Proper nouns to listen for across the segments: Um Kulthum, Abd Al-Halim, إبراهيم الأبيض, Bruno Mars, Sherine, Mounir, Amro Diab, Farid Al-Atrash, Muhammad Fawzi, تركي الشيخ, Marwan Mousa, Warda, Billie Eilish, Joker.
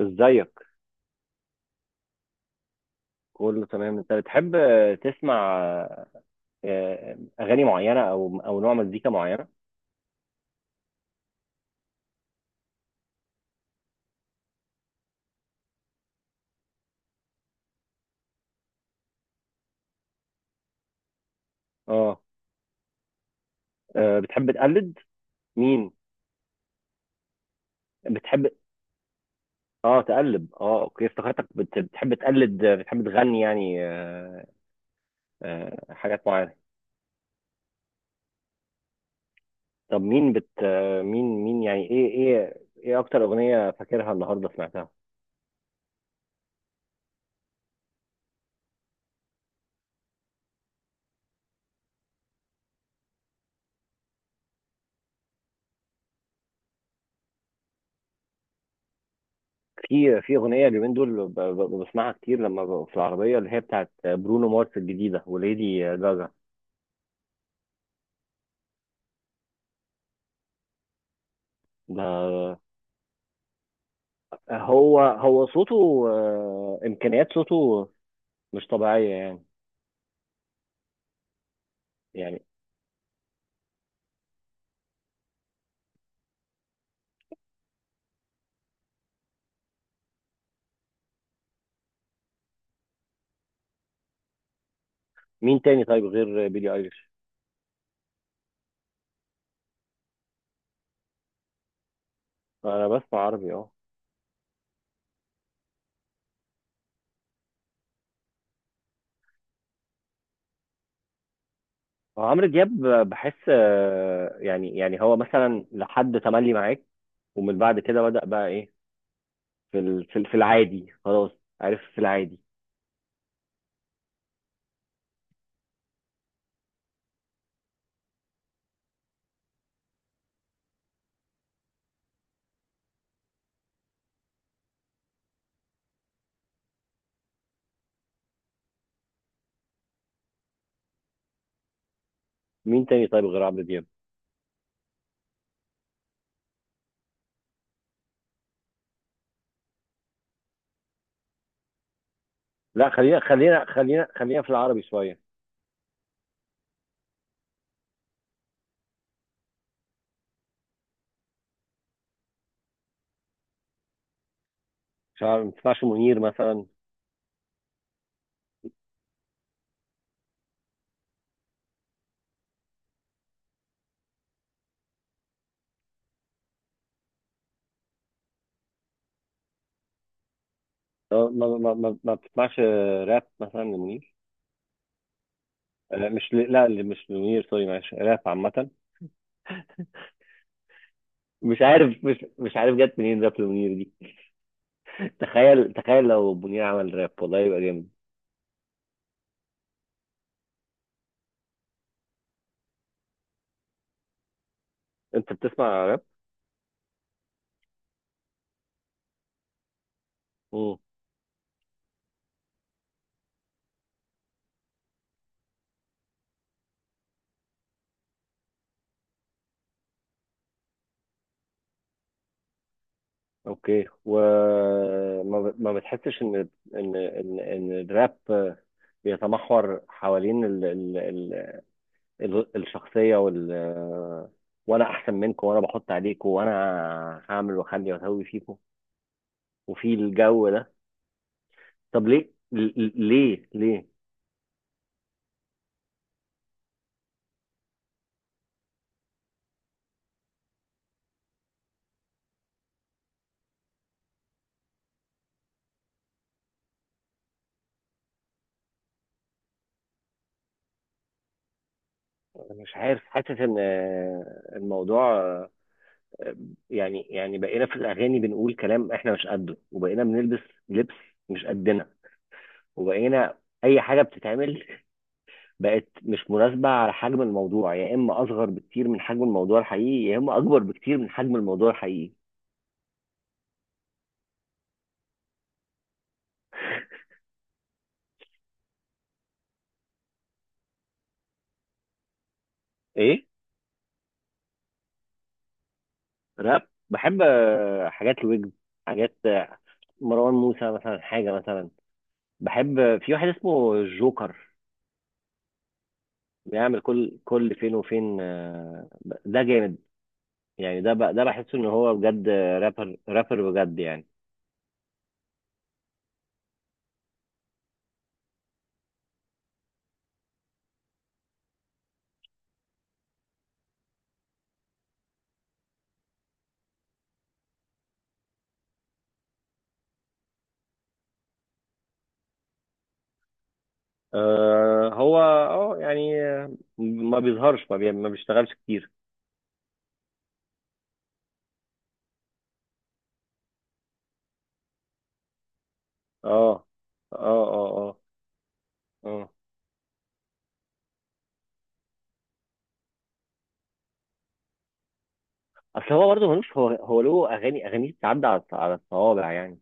ازيك؟ كله تمام. انت بتحب تسمع اغاني معينه او نوع مزيكا معينه؟ اه. بتحب تقلد مين؟ بتحب، اه تقلب، اه، اوكي، افتكرتك بتحب تقلد، بتحب تغني يعني، حاجات معينه. طب مين بت آه، مين يعني، ايه اكتر اغنيه فاكرها النهارده سمعتها؟ في اغنيه اليومين دول بسمعها كتير لما ببقى في العربيه، اللي هي بتاعت برونو مارس الجديده، وليدي جاجا. ده هو هو صوته، امكانيات صوته مش طبيعيه يعني. يعني مين تاني طيب غير بيلي ايليش؟ انا بسمع عربي، اه. هو عمرو دياب، بحس يعني هو مثلا لحد تملي معاك، ومن بعد كده بدأ بقى ايه، في في العادي خلاص. عارف، في العادي. مين تاني طيب غير عمرو دياب؟ لا، خلينا خلينا خلينا خلينا في العربي شوية. مش عارف، ما بتسمعش منير مثلا؟ ما بتسمعش راب مثلا لمنير؟ مش ل... لا اللي مش لمنير، سوري معلش، راب عامة. مش عارف، مش عارف جت منين راب منير دي. تخيل تخيل لو منير عمل راب والله يبقى جامد. انت بتسمع راب؟ مم. اوكي، ما بتحسش ان إن الراب، بيتمحور حوالين الشخصية وال آه، وانا احسن منكم، وانا بحط عليكم، وانا هعمل واخلي واسوي فيكم، وفي الجو ده. طب ليه ليه؟ مش عارف، حاسس ان الموضوع، يعني بقينا في الاغاني بنقول كلام احنا مش قده، وبقينا بنلبس لبس مش قدنا، وبقينا اي حاجه بتتعمل بقت مش مناسبه على حجم الموضوع، يا اما اصغر بكتير من حجم الموضوع الحقيقي، يا اما اكبر بكتير من حجم الموضوع الحقيقي. ايه؟ راب، بحب حاجات الويجز، حاجات، مروان موسى مثلا، حاجه مثلا، بحب في واحد اسمه جوكر، بيعمل كل فين وفين. ده جامد، يعني ده بقى، ده بحس ان هو بجد رابر رابر بجد يعني. آه، هو يعني، ما بيظهرش، ما بيشتغلش كتير. اه، اه، اه، اه، اه. اصل هو برضه ملوش، هو هو له اغاني بتعدي على الصوابع يعني.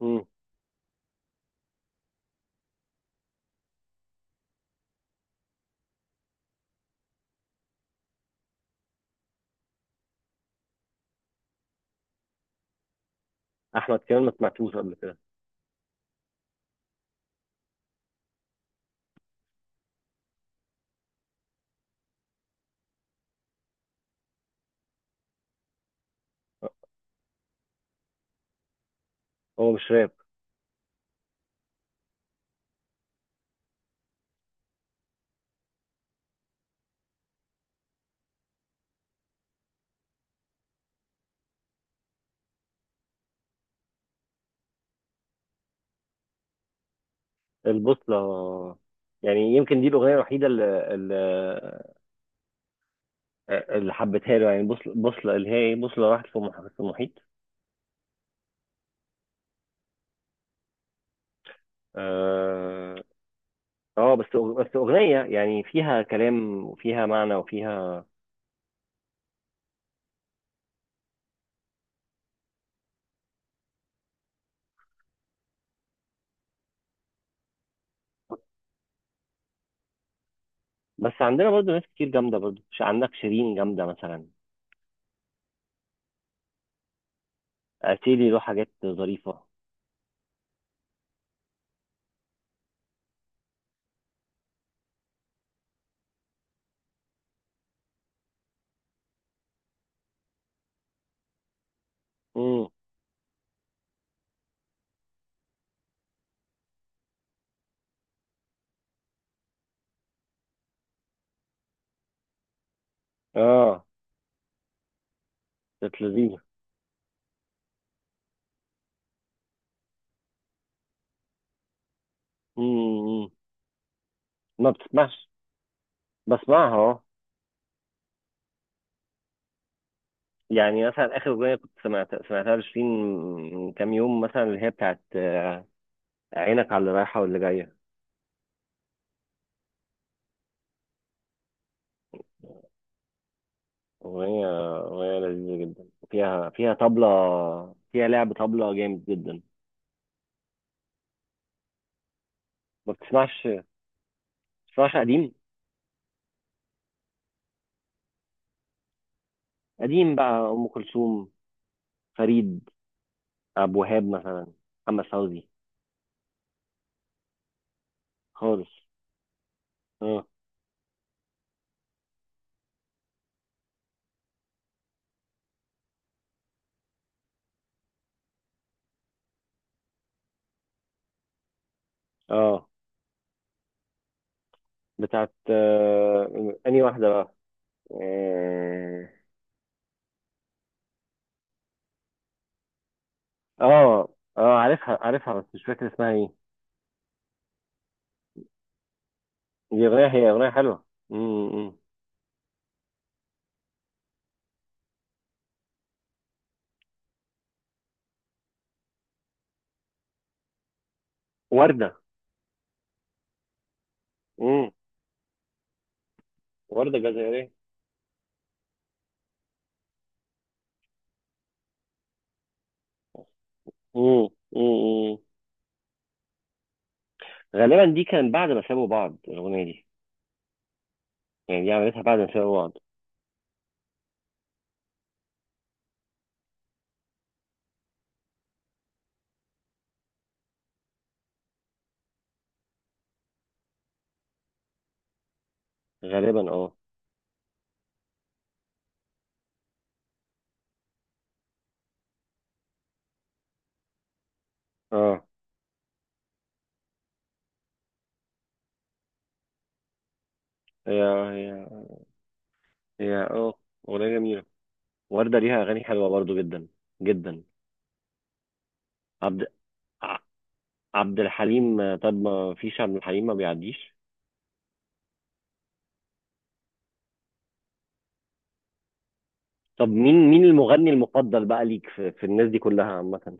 امم. احمد كمان ما سمعتوش قبل كده. هو مش راب. البوصلة. يعني يمكن دي الأغنية الوحيدة اللي حبيتها له، يعني بوصلة، بوصلة اللي هي إيه؟ بوصلة راحت في في المحيط. آه. اه، بس اغنيه يعني فيها كلام وفيها معنى وفيها. بس عندنا برضو ناس كتير جامده، برضو عندك شيرين جامده مثلا. اتيلي له حاجات ظريفه. امم. اه. كانت لذيذه. امم. ما بتسمعش. بسمعها، اه. يعني مثلا اخر اغنيه كنت سمعتها لشيرين من كام يوم مثلا، اللي هي بتاعت عينك على اللي رايحه واللي جايه. اغنيه، لذيذه جدا، فيها طبله، فيها لعب طبله جامد جدا. ما بتسمعش قديم؟ قديم بقى، ام كلثوم، فريد، ابو وهاب مثلا، محمد فوزي. خالص. اه، اه. بتاعت انهي واحده بقى؟ اه، اه، عارفها عارفها بس مش فاكر اسمها ايه. دي اغنيه، هي اغنيه حلوه. مم، مم. ورده. مم. ورده جزائريه. مم، مم، مم. غالبا دي كانت بعد ما سابوا بعض الاغنيه دي، يعني دي عملتها بعد ما سابوا بعض، غالبا، اه. اه، هي هي هي اه اغنيه جميله. وردة ليها أغاني حلوة برضو جدا، جدا. عبد ع- عبد الحليم. طب ما فيش عبد الحليم ما بيعديش. طب مين المغني المفضل بقى ليك في الناس دي كلها عامة؟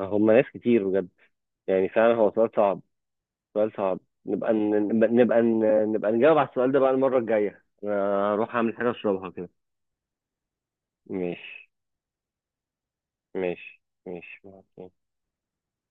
هم ناس كتير بجد. يعني فعلا هو سؤال صعب، سؤال صعب. نبقى نبقى نجاوب على السؤال ده بقى المرة الجاية، أنا هروح أعمل حاجة أشربها كده. ماشي، ماشي، ماشي.